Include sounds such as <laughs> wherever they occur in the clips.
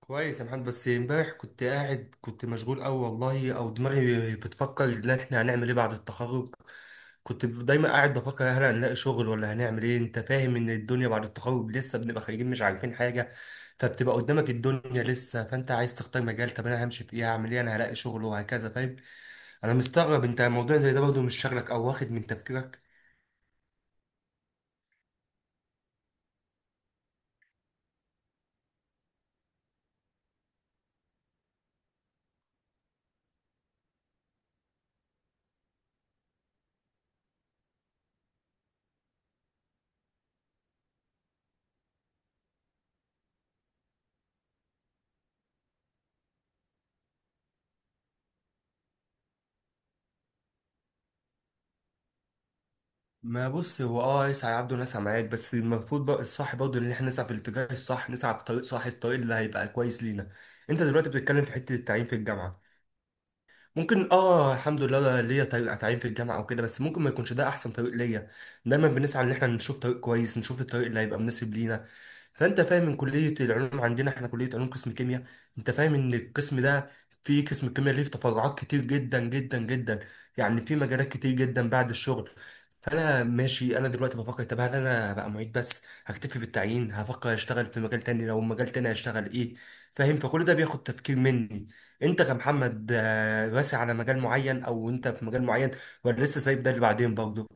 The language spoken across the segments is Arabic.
كويس يا محمد، بس امبارح كنت مشغول قوي والله، او دماغي بتفكر ان احنا هنعمل ايه بعد التخرج. كنت دايما قاعد بفكر هل هنلاقي شغل ولا هنعمل ايه. انت فاهم ان الدنيا بعد التخرج لسه بنبقى خارجين مش عارفين حاجه، فبتبقى قدامك الدنيا لسه. فانت عايز تختار مجال، طب انا همشي في ايه، هعمل ايه، انا هلاقي شغل وهكذا، فاهم؟ انا مستغرب انت الموضوع زي ده برضه مش شغلك او واخد من تفكيرك. ما بص، هو يسعى عبده ناس معاك، بس المفروض بقى الصح برضه ان احنا نسعى في الاتجاه الصح، نسعى في طريق صح، الطريق اللي هيبقى كويس لينا. انت دلوقتي بتتكلم في حته التعيين في الجامعه؟ ممكن الحمد لله ليا طريق اتعين في الجامعه او كده، بس ممكن ما يكونش ده احسن طريق ليا. دايما بنسعى ان احنا نشوف طريق كويس، نشوف الطريق اللي هيبقى مناسب لينا. فانت فاهم، من كليه العلوم عندنا، احنا كليه علوم قسم كيمياء. انت فاهم ان القسم ده، فيه قسم الكيمياء ليه تفرعات كتير جدا جدا جدا، يعني في مجالات كتير جدا بعد الشغل. فانا ماشي، انا دلوقتي بفكر، طب هل انا بقى معيد بس هكتفي بالتعيين، هفكر اشتغل في مجال تاني، لو مجال تاني هشتغل ايه؟ فاهم، فكل ده بياخد تفكير مني. انت كمحمد راسي على مجال معين او انت في مجال معين، ولا لسه سايب ده اللي بعدين برضه؟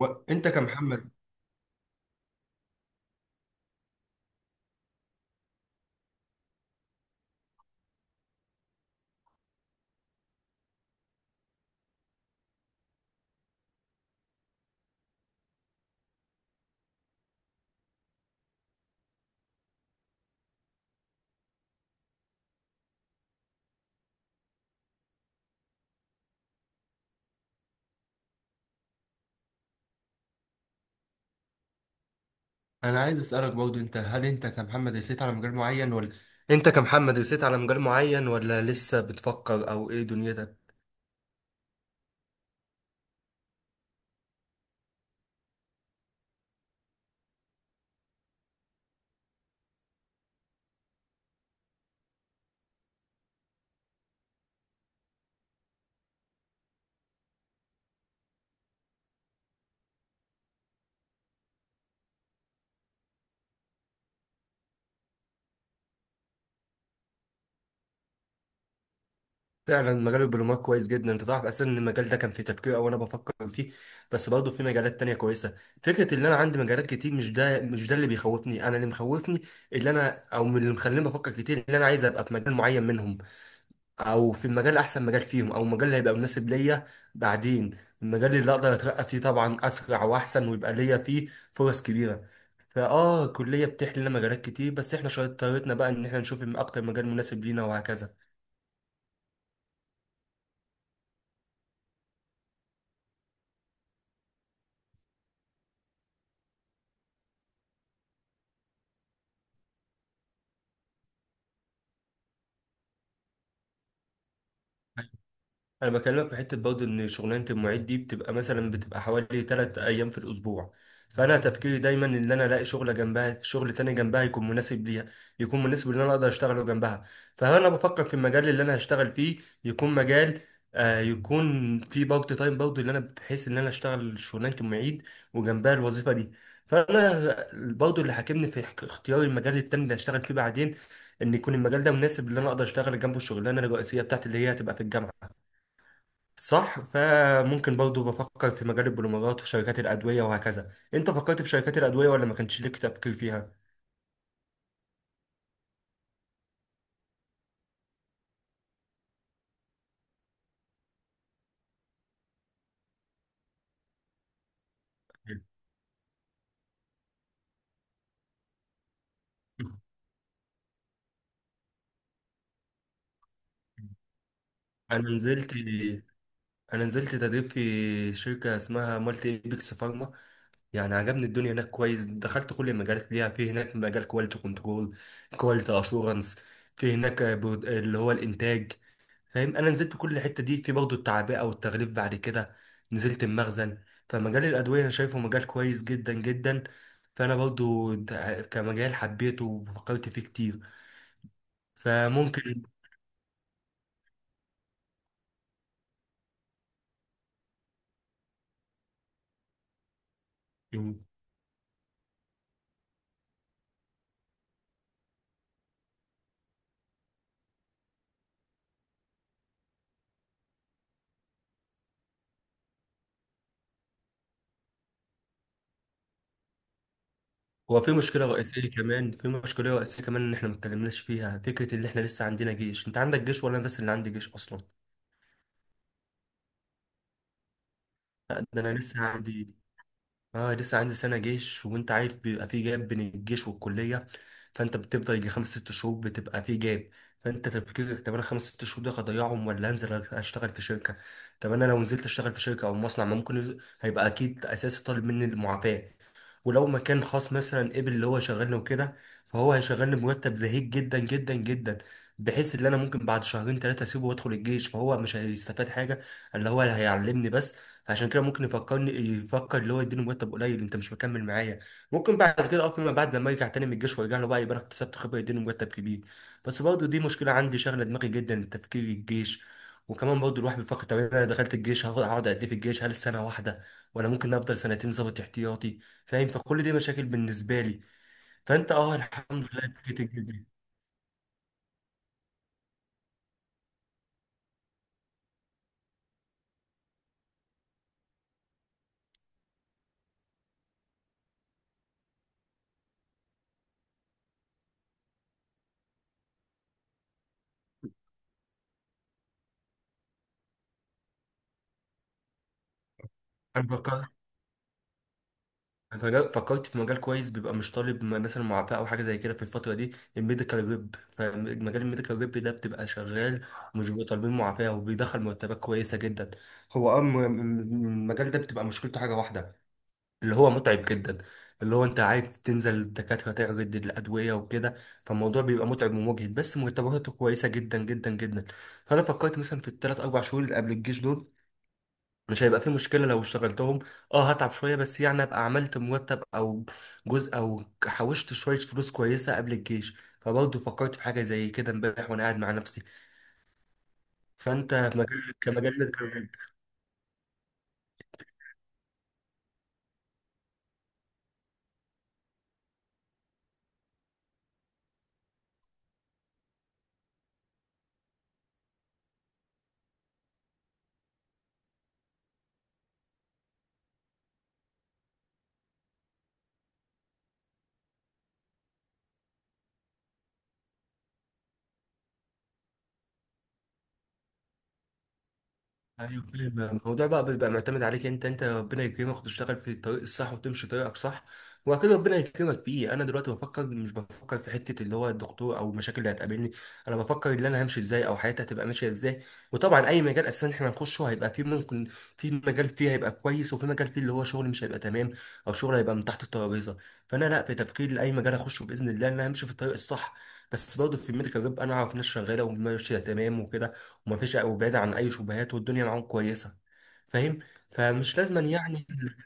انت كمحمد، انا عايز اسالك برضه، انت هل انت كمحمد رسيت على مجال معين ولا انت كمحمد رسيت على مجال معين ولا لسه بتفكر او ايه دنيتك؟ فعلا مجال البلومات كويس جدا، انت تعرف اساسا ان المجال ده كان في تفكير او انا بفكر فيه، بس برضه في مجالات تانية كويسه. فكره ان انا عندي مجالات كتير، مش ده اللي بيخوفني، انا اللي مخوفني اللي انا او من اللي مخليني بفكر كتير، اللي انا عايز ابقى في مجال معين منهم، او في المجال احسن مجال فيهم، او المجال اللي هيبقى مناسب ليا. بعدين المجال اللي اقدر اترقى فيه طبعا اسرع واحسن ويبقى ليا فيه فرص كبيره. فاه الكليه بتحلي لنا مجالات كتير، بس احنا شطارتنا بقى ان احنا نشوف اكتر مجال مناسب لينا وهكذا. انا بكلمك في حته برضه، ان شغلانه المعيد دي بتبقى مثلا بتبقى حوالي 3 ايام في الاسبوع. فانا تفكيري دايما ان انا الاقي شغله جنبها، شغل تاني جنبها يكون مناسب ليها، يكون مناسب ان انا اقدر اشتغله جنبها. فانا بفكر في المجال اللي انا هشتغل فيه يكون مجال يكون فيه بارت تايم برضه، اللي انا بحيث ان انا اشتغل شغلانه المعيد وجنبها الوظيفه دي. فانا برضه اللي حاكمني في اختيار المجال التاني اللي هشتغل فيه بعدين، ان يكون المجال ده مناسب ان انا اقدر اشتغل جنبه الشغلانه الرئيسيه بتاعتي اللي هي هتبقى في الجامعه. صح، فممكن برضو بفكر في مجال البوليمرات وشركات الأدوية وهكذا. انت فكرت في شركات الأدوية ولا ما كانش ليك تفكير فيها؟ <laughs> انا نزلت، انا نزلت تدريب في شركه اسمها مالتي ايبكس فارما، يعني عجبني الدنيا هناك كويس. دخلت كل المجالات ليها في هناك، مجال كواليتي كنترول، كواليتي اشورنس، في هناك اللي هو الانتاج. فاهم، انا نزلت كل الحته دي، في برضه التعبئه والتغليف، بعد كده نزلت المخزن. فمجال الادويه انا شايفه مجال كويس جدا جدا. فانا برضه كمجال حبيته وفكرت فيه كتير، فممكن. هو في مشكله رئيسيه كمان، في مشكله رئيسيه كمان ان احنا ما اتكلمناش فيها، فكره ان احنا لسه عندنا جيش، انت عندك جيش ولا انا بس اللي عندي جيش اصلا؟ لا، ده انا لسه عندي، اه لسه عندي سنة جيش. وانت عارف بيبقى في جاب بين الجيش والكلية، فانت بتفضل يجي خمس ست شهور بتبقى في جاب. فانت تفكيرك، طب انا خمس ست شهور ده هضيعهم ولا انزل اشتغل في شركة. طب انا لو نزلت اشتغل في شركة او مصنع، ما ممكن هيبقى اكيد اساسي طالب مني المعافاة. ولو مكان خاص مثلا قبل اللي هو شغلني وكده، فهو هيشغلني بمرتب زهيد جدا جدا جدا، بحيث ان انا ممكن بعد شهرين ثلاثة اسيبه وادخل الجيش، فهو مش هيستفاد حاجة، اللي هو هيعلمني بس. فعشان كده ممكن يفكرني، يفكر اللي هو يديني مرتب قليل انت مش مكمل معايا، ممكن بعد كده فيما بعد لما يرجع تاني من الجيش ويرجع له بقى، يبقى انا اكتسبت خبره يديني مرتب كبير. بس برضه دي مشكله عندي شغله دماغي جدا، التفكير الجيش. وكمان برضه الواحد بيفكر، طب انا دخلت الجيش هاخد هقعد قد ايه في الجيش، هل سنه واحده ولا ممكن افضل سنتين ظابط احتياطي؟ فاهم، فكل دي مشاكل بالنسبه لي. فانت الحمد لله، فكرة الجيش دي، انا بكرهها. فكرت في مجال كويس بيبقى مش طالب مثلا معافاه او حاجه زي كده في الفتره دي، الميديكال ريب. فمجال الميديكال ريب ده بتبقى شغال، ومش بيبقوا طالبين معافاه، وبيدخل مرتبات كويسه جدا. هو م- المجال ده بتبقى مشكلته حاجه واحده، اللي هو متعب جدا، اللي هو انت عارف تنزل الدكاتره تعرض الادويه وكده، فالموضوع بيبقى متعب ومجهد بس مرتباته كويسه جدا جدا جدا. فانا فكرت مثلا في الثلاث اربع شهور اللي قبل الجيش دول مش هيبقى فيه مشكلة لو اشتغلتهم، اه هتعب شوية بس يعني ابقى عملت مرتب او جزء، او حوشت شوية فلوس كويسة قبل الجيش، فبرضه فكرت في حاجة زي كده امبارح وانا قاعد مع نفسي. فانت في مجال كمجال. ايوه فاهم، الموضوع بقى بيبقى معتمد عليك انت، انت ربنا يكرمك وتشتغل في الطريق الصح وتمشي طريقك صح، وبعد كده ربنا يكرمك فيه. انا دلوقتي بفكر، مش بفكر في حته اللي هو الدكتور او المشاكل اللي هتقابلني، انا بفكر ان انا همشي ازاي او حياتي هتبقى ماشيه ازاي. وطبعا اي مجال اساسا احنا هنخشه هيبقى فيه ممكن، في مجال فيه هيبقى كويس وفي مجال فيه اللي هو شغل مش هيبقى تمام، او شغل هيبقى من تحت الترابيزه. فانا لا، في تفكير لاي مجال اخشه باذن الله ان انا همشي في الطريق الصح. بس برضه في الميديكال ريب انا اعرف ناس شغاله وماشيه تمام وكده، ومفيش، وبعيد عن اي شبهات والدنيا معاهم كويسه، فاهم. فمش لازم يعني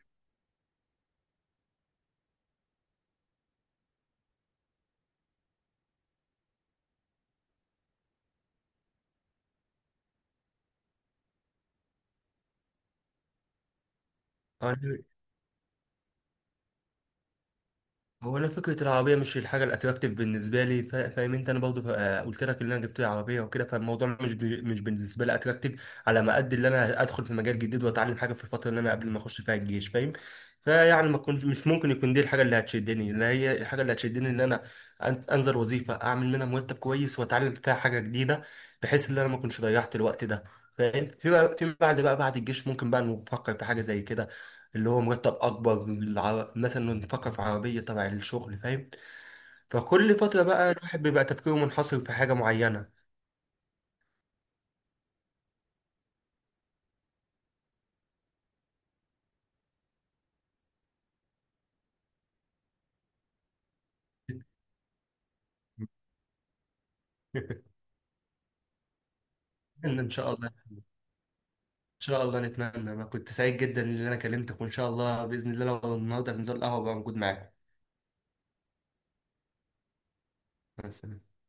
آه، هو انا فكره العربيه مش الحاجه الاتراكتيف بالنسبه لي، فاهم انت، انا برضه قلت لك ان انا جبت لي عربيه وكده. فالموضوع مش بي مش بالنسبه لي اتراكتيف على ما قد اللي انا ادخل في مجال جديد واتعلم حاجه في الفتره اللي انا قبل ما اخش فيها الجيش، فاهم. فيعني ما كنت مش ممكن يكون دي الحاجه اللي هتشدني، اللي هي الحاجه اللي هتشدني ان انا انزل وظيفه اعمل منها مرتب كويس واتعلم فيها حاجه جديده، بحيث ان انا ما كنتش ضيعت الوقت ده، فاهم. في بقى- في بعد بقى بعد الجيش ممكن بقى نفكر في حاجه زي كده، اللي هو مرتب اكبر، مثلا نفكر في عربيه تبع الشغل، فاهم. فكل فتره بقى الواحد بيبقى تفكيره منحصر في حاجه معينه. <laughs> ان شاء الله، ان شاء الله نتمنى. انا كنت سعيد جدا ان انا كلمتك، وان شاء الله باذن الله لو النهارده هننزل القهوه بقى موجود معاكم. بس